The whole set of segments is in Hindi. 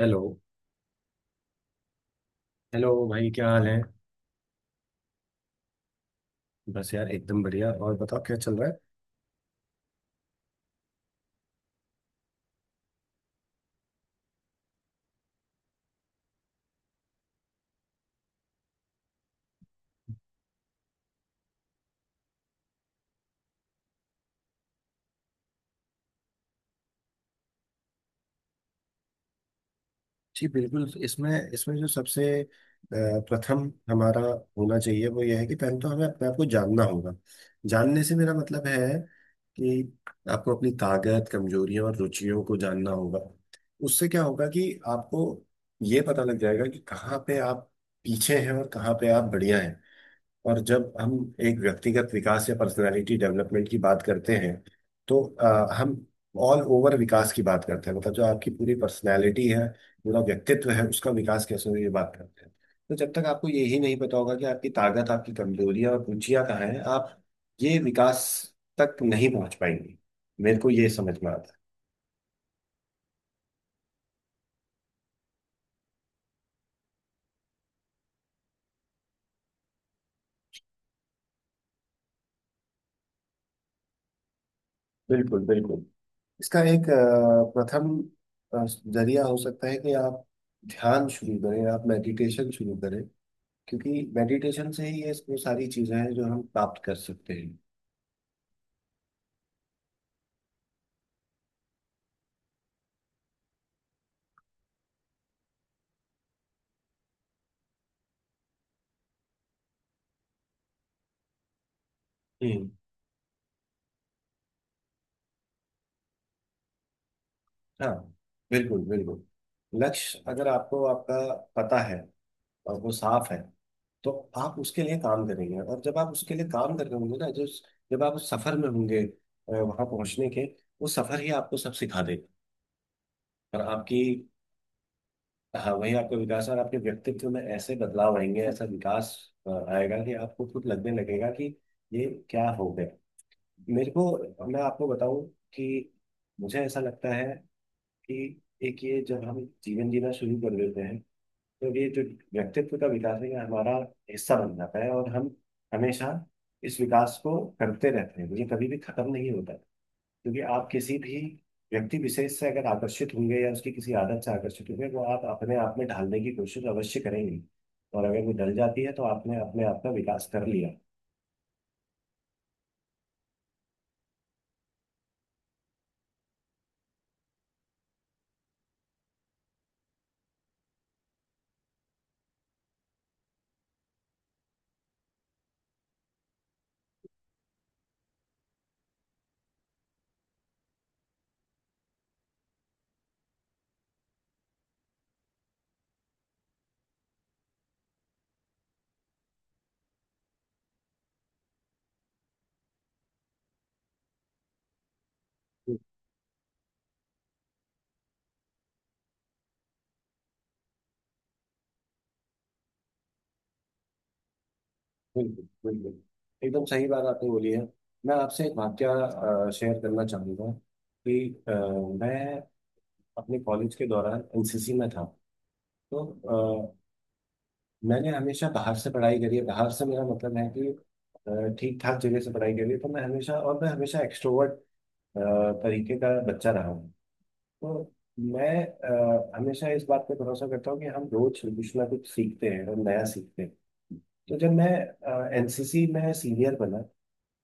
हेलो। हेलो भाई, क्या हाल है? बस यार, एकदम बढ़िया। और बताओ, क्या चल रहा है? जी बिल्कुल। इसमें इसमें जो सबसे प्रथम हमारा होना चाहिए वो यह है कि पहले तो हमें अपने आप को जानना होगा। जानने से मेरा मतलब है कि आपको अपनी ताकत, कमजोरियों और रुचियों को जानना होगा। उससे क्या होगा कि आपको ये पता लग जाएगा कि कहाँ पे आप पीछे हैं और कहाँ पे आप बढ़िया हैं। और जब हम एक व्यक्तिगत विकास या पर्सनालिटी डेवलपमेंट की बात करते हैं तो हम ऑल ओवर विकास की बात करते हैं, मतलब जो आपकी पूरी पर्सनालिटी है, पूरा व्यक्तित्व है, उसका विकास कैसे हो, ये बात करते हैं। तो जब तक आपको यही नहीं पता होगा कि आपकी ताकत, आपकी कमजोरियां और रुचियां कहाँ हैं, आप ये विकास तक नहीं पहुंच पाएंगे। मेरे को ये समझ में आता है। बिल्कुल बिल्कुल। इसका एक प्रथम अ, जरिया हो सकता है कि आप ध्यान शुरू करें, आप मेडिटेशन शुरू करें, क्योंकि मेडिटेशन से ही ये वो सारी चीजें हैं जो हम प्राप्त कर सकते हैं। हम्म। हाँ, बिल्कुल बिल्कुल। लक्ष्य अगर आपको आपका पता है और वो साफ है, तो आप उसके लिए काम करेंगे। और जब आप उसके लिए काम कर रहे होंगे ना, जो जब आप उस सफर में होंगे, वहां पहुंचने के, वो सफर ही आपको सब सिखा देगा। और आपकी। हाँ, वही आपका विकास। और आपके व्यक्तित्व में ऐसे बदलाव आएंगे, ऐसा विकास आएगा कि आपको खुद लगने लगेगा कि ये क्या हो गया। मेरे को, मैं आपको बताऊं कि मुझे ऐसा लगता है कि एक ये जब हम जीवन जीना शुरू कर देते हैं, तो ये जो व्यक्तित्व का विकास है ये हमारा हिस्सा बन जाता है, और हम हमेशा इस विकास को करते रहते हैं। ये कभी भी खत्म नहीं होता, क्योंकि आप किसी भी व्यक्ति विशेष से अगर आकर्षित होंगे, या उसकी किसी आदत से आकर्षित होंगे, वो आप अपने आप में ढालने की कोशिश अवश्य करेंगे। और अगर वो डल जाती है, तो आपने अपने आप का विकास कर लिया। बिल्कुल बिल्कुल। एकदम सही बात आपने बोली है। मैं आपसे एक वाक्य शेयर करना चाहूँगा कि अ, मैं अपने कॉलेज के दौरान एनसीसी में था। तो अ, मैंने हमेशा बाहर से पढ़ाई करी है। बाहर से मेरा मतलब है कि ठीक ठाक जगह से पढ़ाई करी है। मैं हमेशा एक्सट्रोवर्ट तरीके का बच्चा रहा हूँ। तो मैं हमेशा इस बात पे भरोसा करता हूँ कि हम रोज कुछ ना कुछ सीखते हैं और नया सीखते हैं। तो जब मैं एनसीसी में सीनियर बना,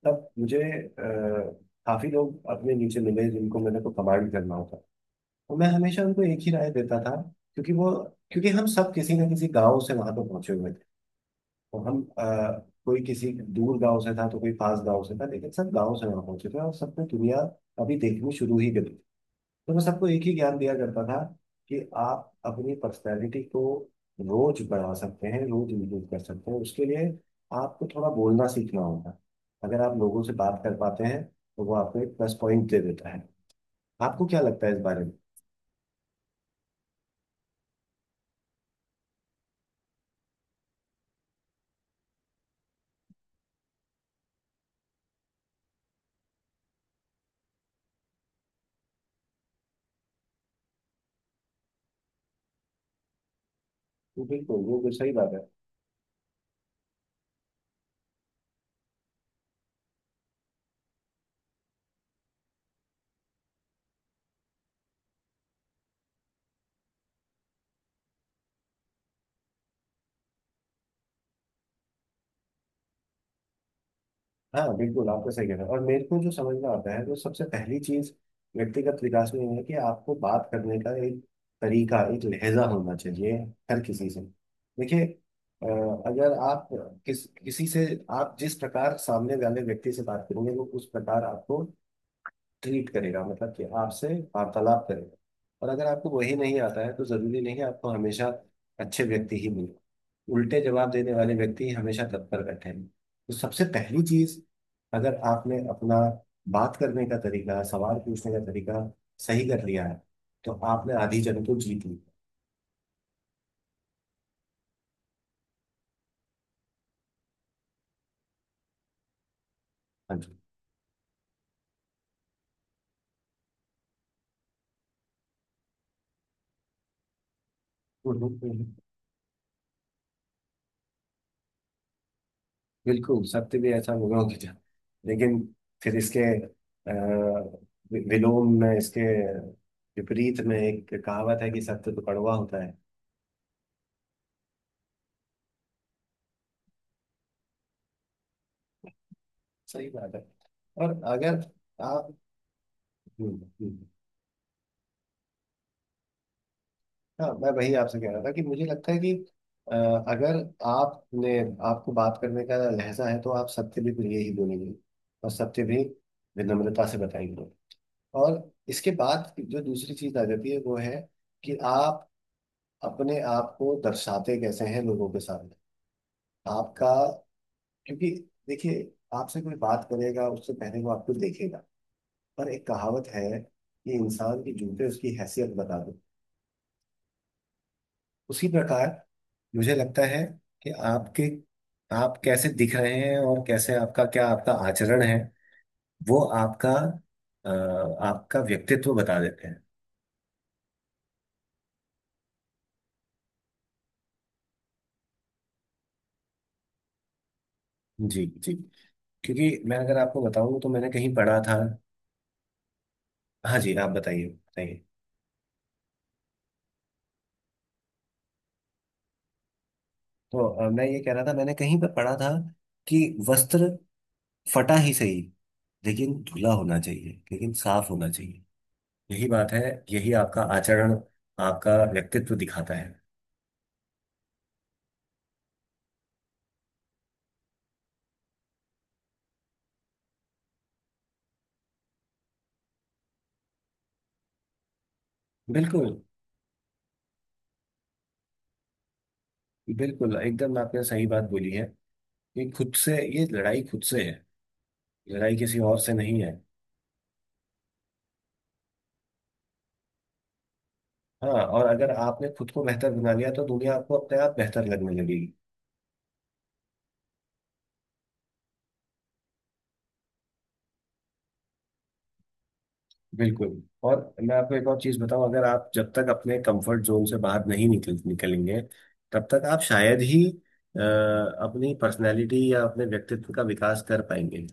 तब मुझे काफी लोग अपने नीचे मिले जिनको मैंने को कमांड करना होता। और मैं हमेशा उनको एक ही राय देता था। क्योंकि वो क्योंकि हम सब किसी ना किसी गांव से वहां पर पहुंचे हुए थे। और हम कोई किसी दूर गांव से था, तो कोई पास गांव से था, लेकिन सब गांव से वहां पहुंचे थे और सबने दुनिया अभी देखनी शुरू ही कर। तो वो सबको एक ही ज्ञान दिया करता था कि आप अपनी पर्सनैलिटी को रोज बढ़ा सकते हैं, रोज इम्प्रूव कर सकते हैं। उसके लिए आपको थोड़ा बोलना सीखना होगा। अगर आप लोगों से बात कर पाते हैं, तो वो आपको एक प्लस पॉइंट दे देता है। आपको क्या लगता है इस बारे में? बिल्कुल सही बात है। हाँ, बिल्कुल आपका सही कहना है। और मेरे को जो समझ में आता है, तो सबसे पहली चीज व्यक्तिगत विकास में ये है कि आपको बात करने का एक तरीका, एक लहजा होना चाहिए हर किसी से। देखिए, अ, अगर आप, किस किसी से आप जिस प्रकार सामने वाले व्यक्ति से बात करेंगे, वो उस प्रकार आपको ट्रीट करेगा, मतलब कि आपसे वार्तालाप करेगा। और अगर आपको वही नहीं आता है, तो जरूरी नहीं है आपको हमेशा अच्छे व्यक्ति ही मिले। उल्टे जवाब देने वाले व्यक्ति ही हमेशा तत्पर बैठे हैं। तो सबसे पहली चीज, अगर आपने अपना बात करने का तरीका, सवाल पूछने का तरीका सही कर लिया है, तो आपने आधी जंग तो जीत ली। हाँ जी। हम्म, हम्म, हम्म। बिल्कुल, सत्य भी ऐसा होगा कि था। लेकिन फिर इसके विलोम में, इसके विपरीत में एक कहावत है कि सत्य तो कड़वा होता है। सही बात है। और अगर आप। हम्म, हम्म। हाँ, मैं वही आपसे कह रहा था कि मुझे लगता है कि अ, अगर आपने आपको बात करने का लहजा है, तो आप सत्य भी प्रिय ही बोलेंगे, और सत्य भी विनम्रता से बताएंगे। और इसके बाद जो दूसरी चीज आ जाती है, वो है कि आप अपने आप को दर्शाते कैसे हैं लोगों के सामने। आपका, क्योंकि देखिए, आपसे कोई बात करेगा उससे पहले वो आपको देखेगा। पर एक कहावत है कि इंसान की जूते उसकी हैसियत बता दो। उसी प्रकार मुझे लगता है कि आपके आप कैसे दिख रहे हैं, और कैसे आपका क्या आपका आचरण है, वो अ, आपका व्यक्तित्व बता देते हैं। जी जी। क्योंकि मैं, अगर आपको बताऊं, तो मैंने कहीं पढ़ा था। हाँ जी, आप बताइए बताइए। तो मैं ये कह रहा था, मैंने कहीं पर पढ़ा था कि वस्त्र फटा ही सही, लेकिन धुला होना चाहिए, लेकिन साफ होना चाहिए। यही बात है। यही आपका आचरण, आपका व्यक्तित्व दिखाता है। बिल्कुल बिल्कुल, एकदम आपने सही बात बोली है कि खुद से, ये लड़ाई खुद से है, लड़ाई किसी और से नहीं है। हाँ, और अगर आपने खुद को बेहतर बना लिया, तो दुनिया आपको अपने आप बेहतर लगने लगेगी। बिल्कुल। और मैं आपको एक और चीज बताऊं, अगर आप, जब तक अपने कंफर्ट जोन से बाहर नहीं निकलेंगे, तब तक आप शायद ही अपनी पर्सनालिटी या अपने व्यक्तित्व का विकास कर पाएंगे।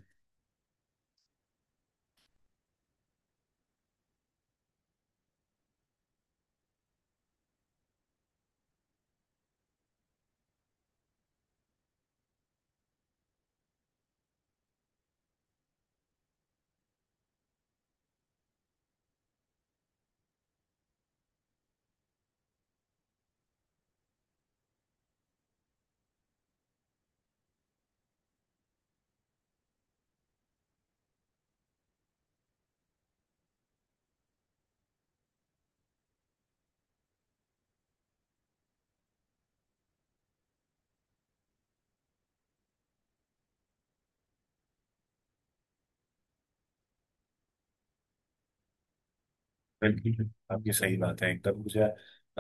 बिल्कुल आपकी सही बात है एकदम। मुझे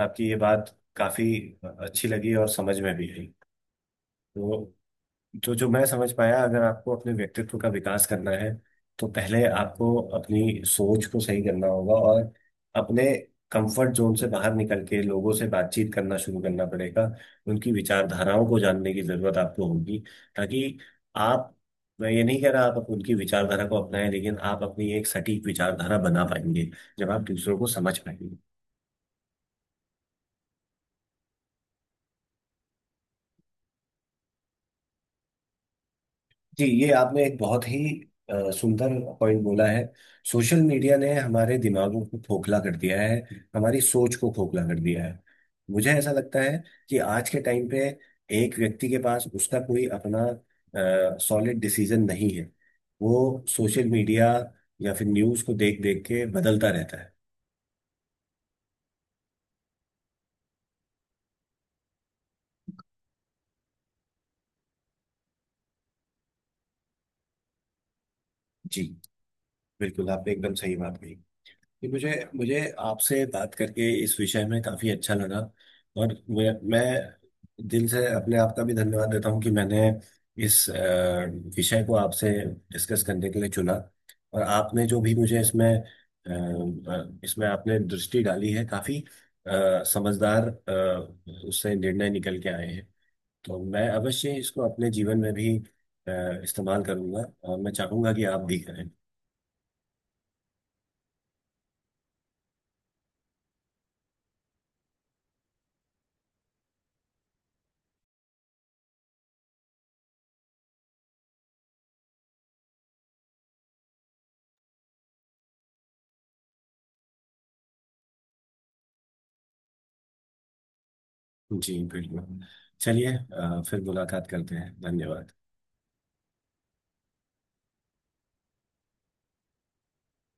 आपकी ये बात काफी अच्छी लगी और समझ में भी आई। तो जो जो मैं समझ पाया, अगर आपको अपने व्यक्तित्व का विकास करना है, तो पहले आपको अपनी सोच को सही करना होगा, और अपने कंफर्ट जोन से बाहर निकल के लोगों से बातचीत करना शुरू करना पड़ेगा। उनकी विचारधाराओं को जानने की जरूरत आपको होगी, ताकि आप। मैं ये नहीं कह रहा आप उनकी विचारधारा को अपनाएं, लेकिन आप अपनी एक सटीक विचारधारा बना पाएंगे जब आप दूसरों को समझ पाएंगे। जी, ये आपने एक बहुत ही सुंदर पॉइंट बोला है। सोशल मीडिया ने हमारे दिमागों को खोखला कर दिया है, हमारी सोच को खोखला कर दिया है। मुझे ऐसा लगता है कि आज के टाइम पे एक व्यक्ति के पास उसका कोई अपना सॉलिड डिसीजन नहीं है। वो सोशल मीडिया या फिर न्यूज़ को देख देख के बदलता रहता है। जी बिल्कुल, आपने एकदम सही बात कही कि मुझे मुझे आपसे बात करके इस विषय में काफी अच्छा लगा। और मैं दिल से अपने आप का भी धन्यवाद देता हूँ कि मैंने इस विषय को आपसे डिस्कस करने के लिए चुना। और आपने जो भी मुझे इसमें आपने दृष्टि डाली है, काफी समझदार, उससे निर्णय निकल के आए हैं। तो मैं अवश्य इसको अपने जीवन में भी इस्तेमाल करूंगा, और मैं चाहूंगा कि आप भी करें। जी बिल्कुल। चलिए, फिर मुलाकात करते हैं। धन्यवाद।